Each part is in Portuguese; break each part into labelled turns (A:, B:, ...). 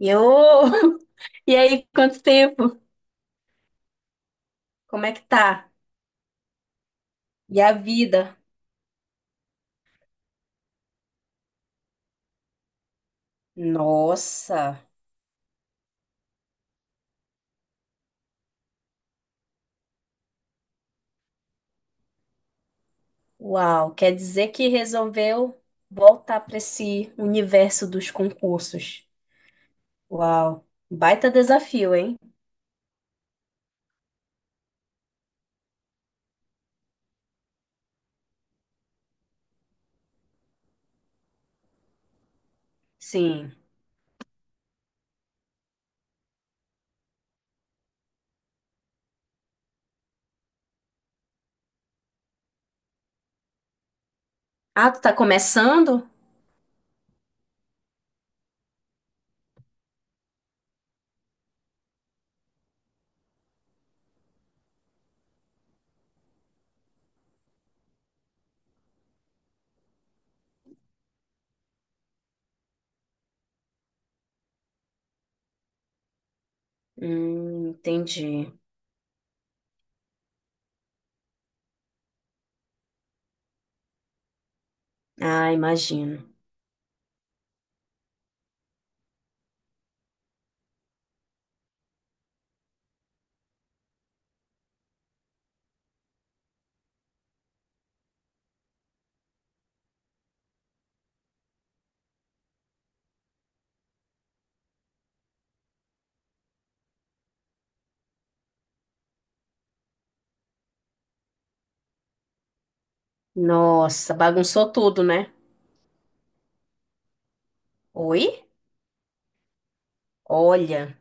A: E eu, e aí, quanto tempo? Como é que tá? E a vida? Nossa, uau, quer dizer que resolveu voltar para esse universo dos concursos. Uau, baita desafio, hein? Sim. Ah, tu tá começando? Entendi. Ah, imagino. Nossa, bagunçou tudo, né? Oi? Olha,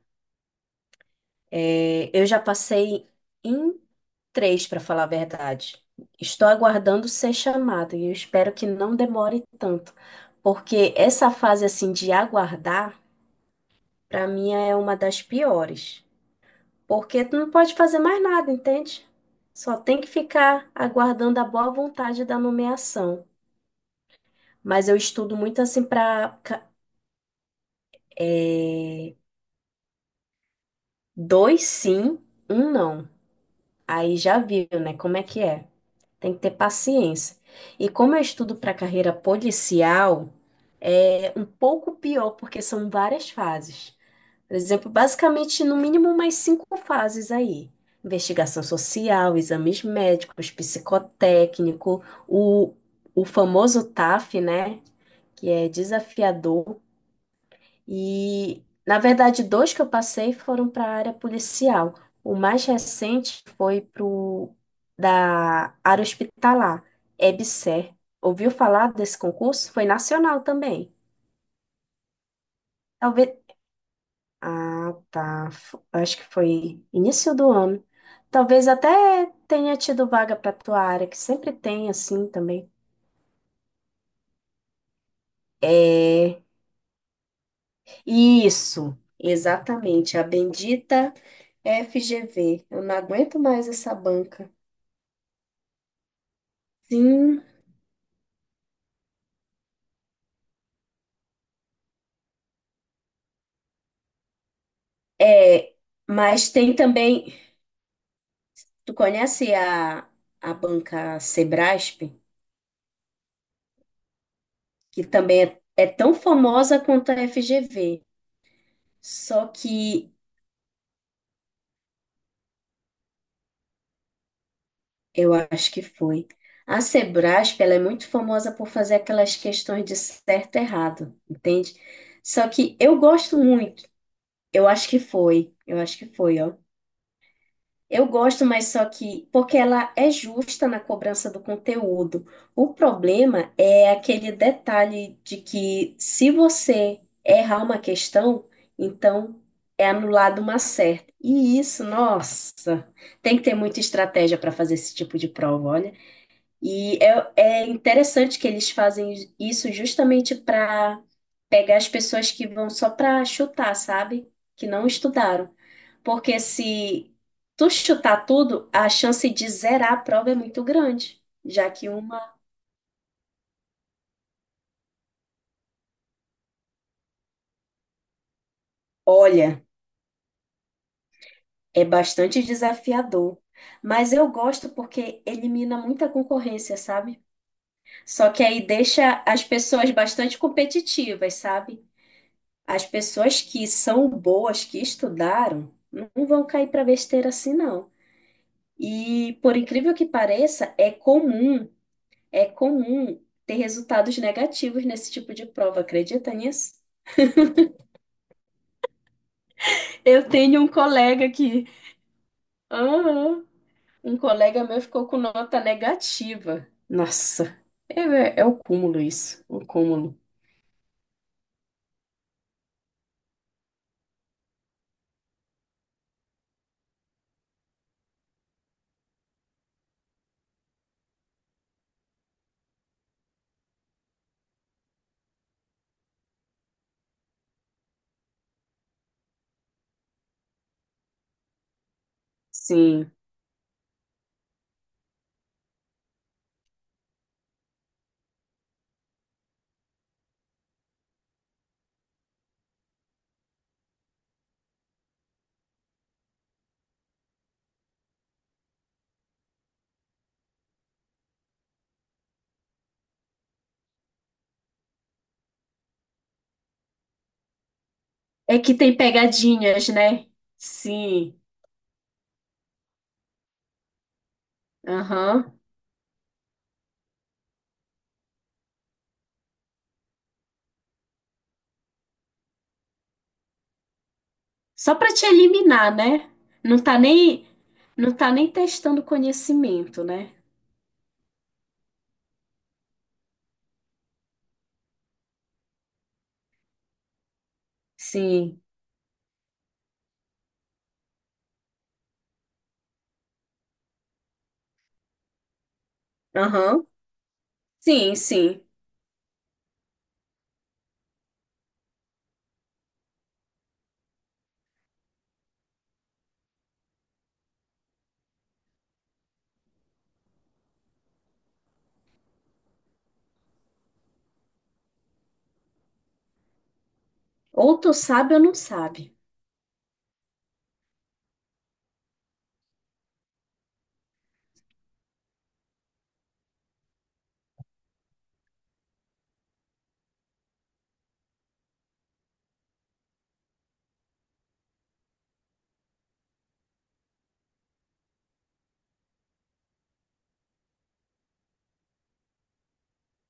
A: eu já passei em três, para falar a verdade. Estou aguardando ser chamado e eu espero que não demore tanto, porque essa fase assim de aguardar, para mim é uma das piores, porque tu não pode fazer mais nada, entende? Só tem que ficar aguardando a boa vontade da nomeação. Mas eu estudo muito assim para dois sim, um não. Aí já viu, né? Como é que é? Tem que ter paciência. E como eu estudo para carreira policial, é um pouco pior, porque são várias fases. Por exemplo, basicamente, no mínimo, mais cinco fases aí. Investigação social, exames médicos, psicotécnico, o, o famoso TAF, né? Que é desafiador. E, na verdade, dois que eu passei foram para a área policial. O mais recente foi pro da área hospitalar, EBSER. Ouviu falar desse concurso? Foi nacional também. Talvez, ah, tá. Acho que foi início do ano. Talvez até tenha tido vaga para tua área, que sempre tem assim também. É, isso, exatamente, a bendita FGV. Eu não aguento mais essa banca. Sim, é, mas tem também, tu conhece a banca Sebrasp, que também é tão famosa quanto a FGV, só que eu acho que foi. A Sebrasp, ela é muito famosa por fazer aquelas questões de certo e errado, entende? Só que eu gosto muito. Eu acho que foi. Eu acho que foi, ó. Eu gosto, mas só que porque ela é justa na cobrança do conteúdo. O problema é aquele detalhe de que, se você errar uma questão, então é anulado uma certa. E isso, nossa, tem que ter muita estratégia para fazer esse tipo de prova, olha. E é interessante que eles fazem isso justamente para pegar as pessoas que vão só para chutar, sabe? Que não estudaram. Porque se tu chutar tudo, a chance de zerar a prova é muito grande, já que uma, olha, é bastante desafiador. Mas eu gosto porque elimina muita concorrência, sabe? Só que aí deixa as pessoas bastante competitivas, sabe? As pessoas que são boas, que estudaram, não vão cair para besteira assim, não. E, por incrível que pareça, é comum ter resultados negativos nesse tipo de prova, acredita nisso? Eu tenho um colega que... Aham. Um colega meu ficou com nota negativa. Nossa, é o cúmulo isso, o cúmulo. Sim. É que tem pegadinhas, né? Sim. Aham. Só para te eliminar, né? Não tá nem, não tá nem testando conhecimento, né? Sim. Aham. Sim, sim. Ou tu sabe ou não sabe.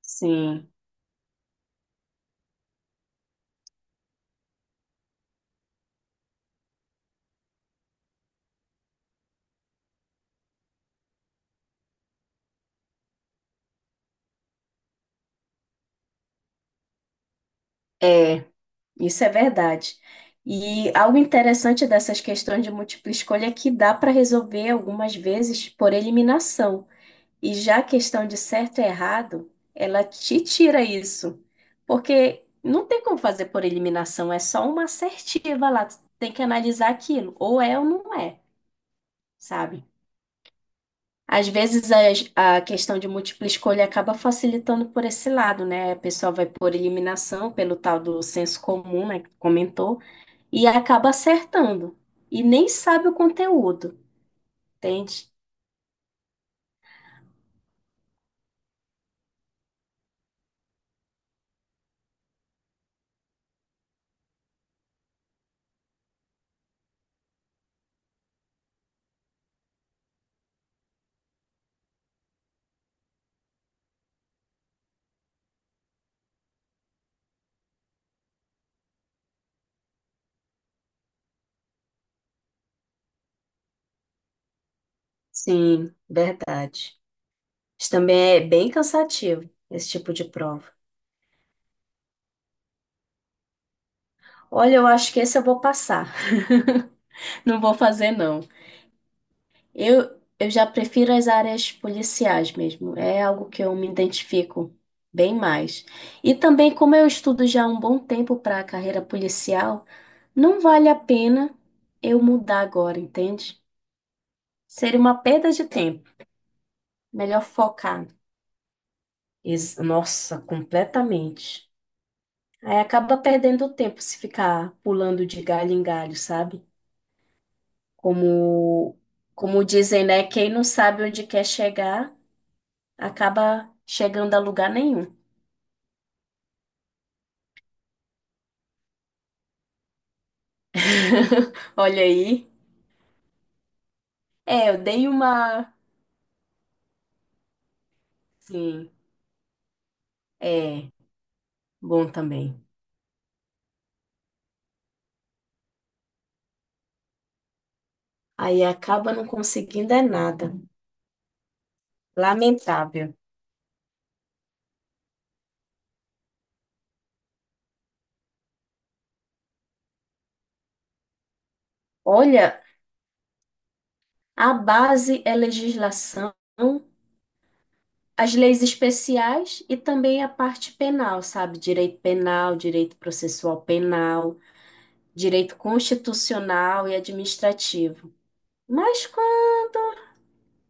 A: Sim. É, isso é verdade. E algo interessante dessas questões de múltipla escolha é que dá para resolver algumas vezes por eliminação. E já a questão de certo e errado, ela te tira isso. Porque não tem como fazer por eliminação, é só uma assertiva lá. Tu tem que analisar aquilo, ou é ou não é, sabe? Às vezes a questão de múltipla escolha acaba facilitando por esse lado, né? A pessoa vai por eliminação, pelo tal do senso comum, né, que tu comentou, e acaba acertando. E nem sabe o conteúdo, entende? Sim, verdade. Isso também é bem cansativo, esse tipo de prova. Olha, eu acho que esse eu vou passar. Não vou fazer, não. Eu já prefiro as áreas policiais mesmo. É algo que eu me identifico bem mais. E também, como eu estudo já há um bom tempo para a carreira policial, não vale a pena eu mudar agora, entende? Seria uma perda de tempo. Melhor focar. Nossa, completamente. Aí acaba perdendo o tempo se ficar pulando de galho em galho, sabe? Como, como dizem, né? Quem não sabe onde quer chegar, acaba chegando a lugar nenhum. Olha aí. É, eu dei uma. Sim, é bom também. Aí acaba não conseguindo é nada. Lamentável. Olha, a base é legislação, as leis especiais e também a parte penal, sabe? Direito penal, direito processual penal, direito constitucional e administrativo. Mas com...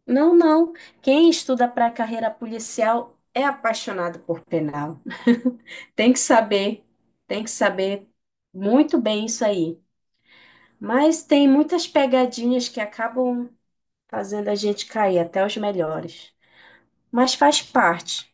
A: não, não. Quem estuda para a carreira policial é apaixonado por penal. Tem que saber, tem que saber muito bem isso aí. Mas tem muitas pegadinhas que acabam fazendo a gente cair, até os melhores. Mas faz parte.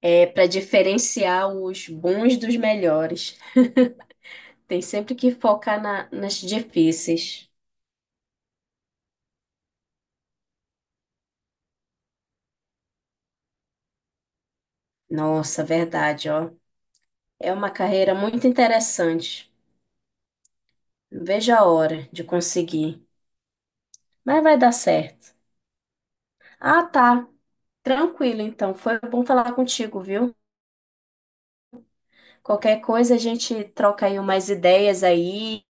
A: É, para diferenciar os bons dos melhores. Tem sempre que focar nas difíceis. Nossa, verdade, ó. É uma carreira muito interessante. Não vejo a hora de conseguir, mas vai dar certo. Ah, tá. Tranquilo, então. Foi bom falar contigo, viu? Qualquer coisa a gente troca aí umas ideias aí.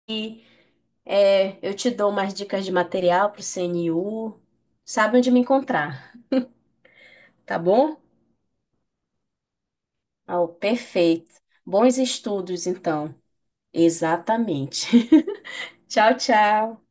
A: É, eu te dou umas dicas de material pro CNU. Sabe onde me encontrar, tá bom? Oh, perfeito. Bons estudos, então. Exatamente. Tchau, tchau.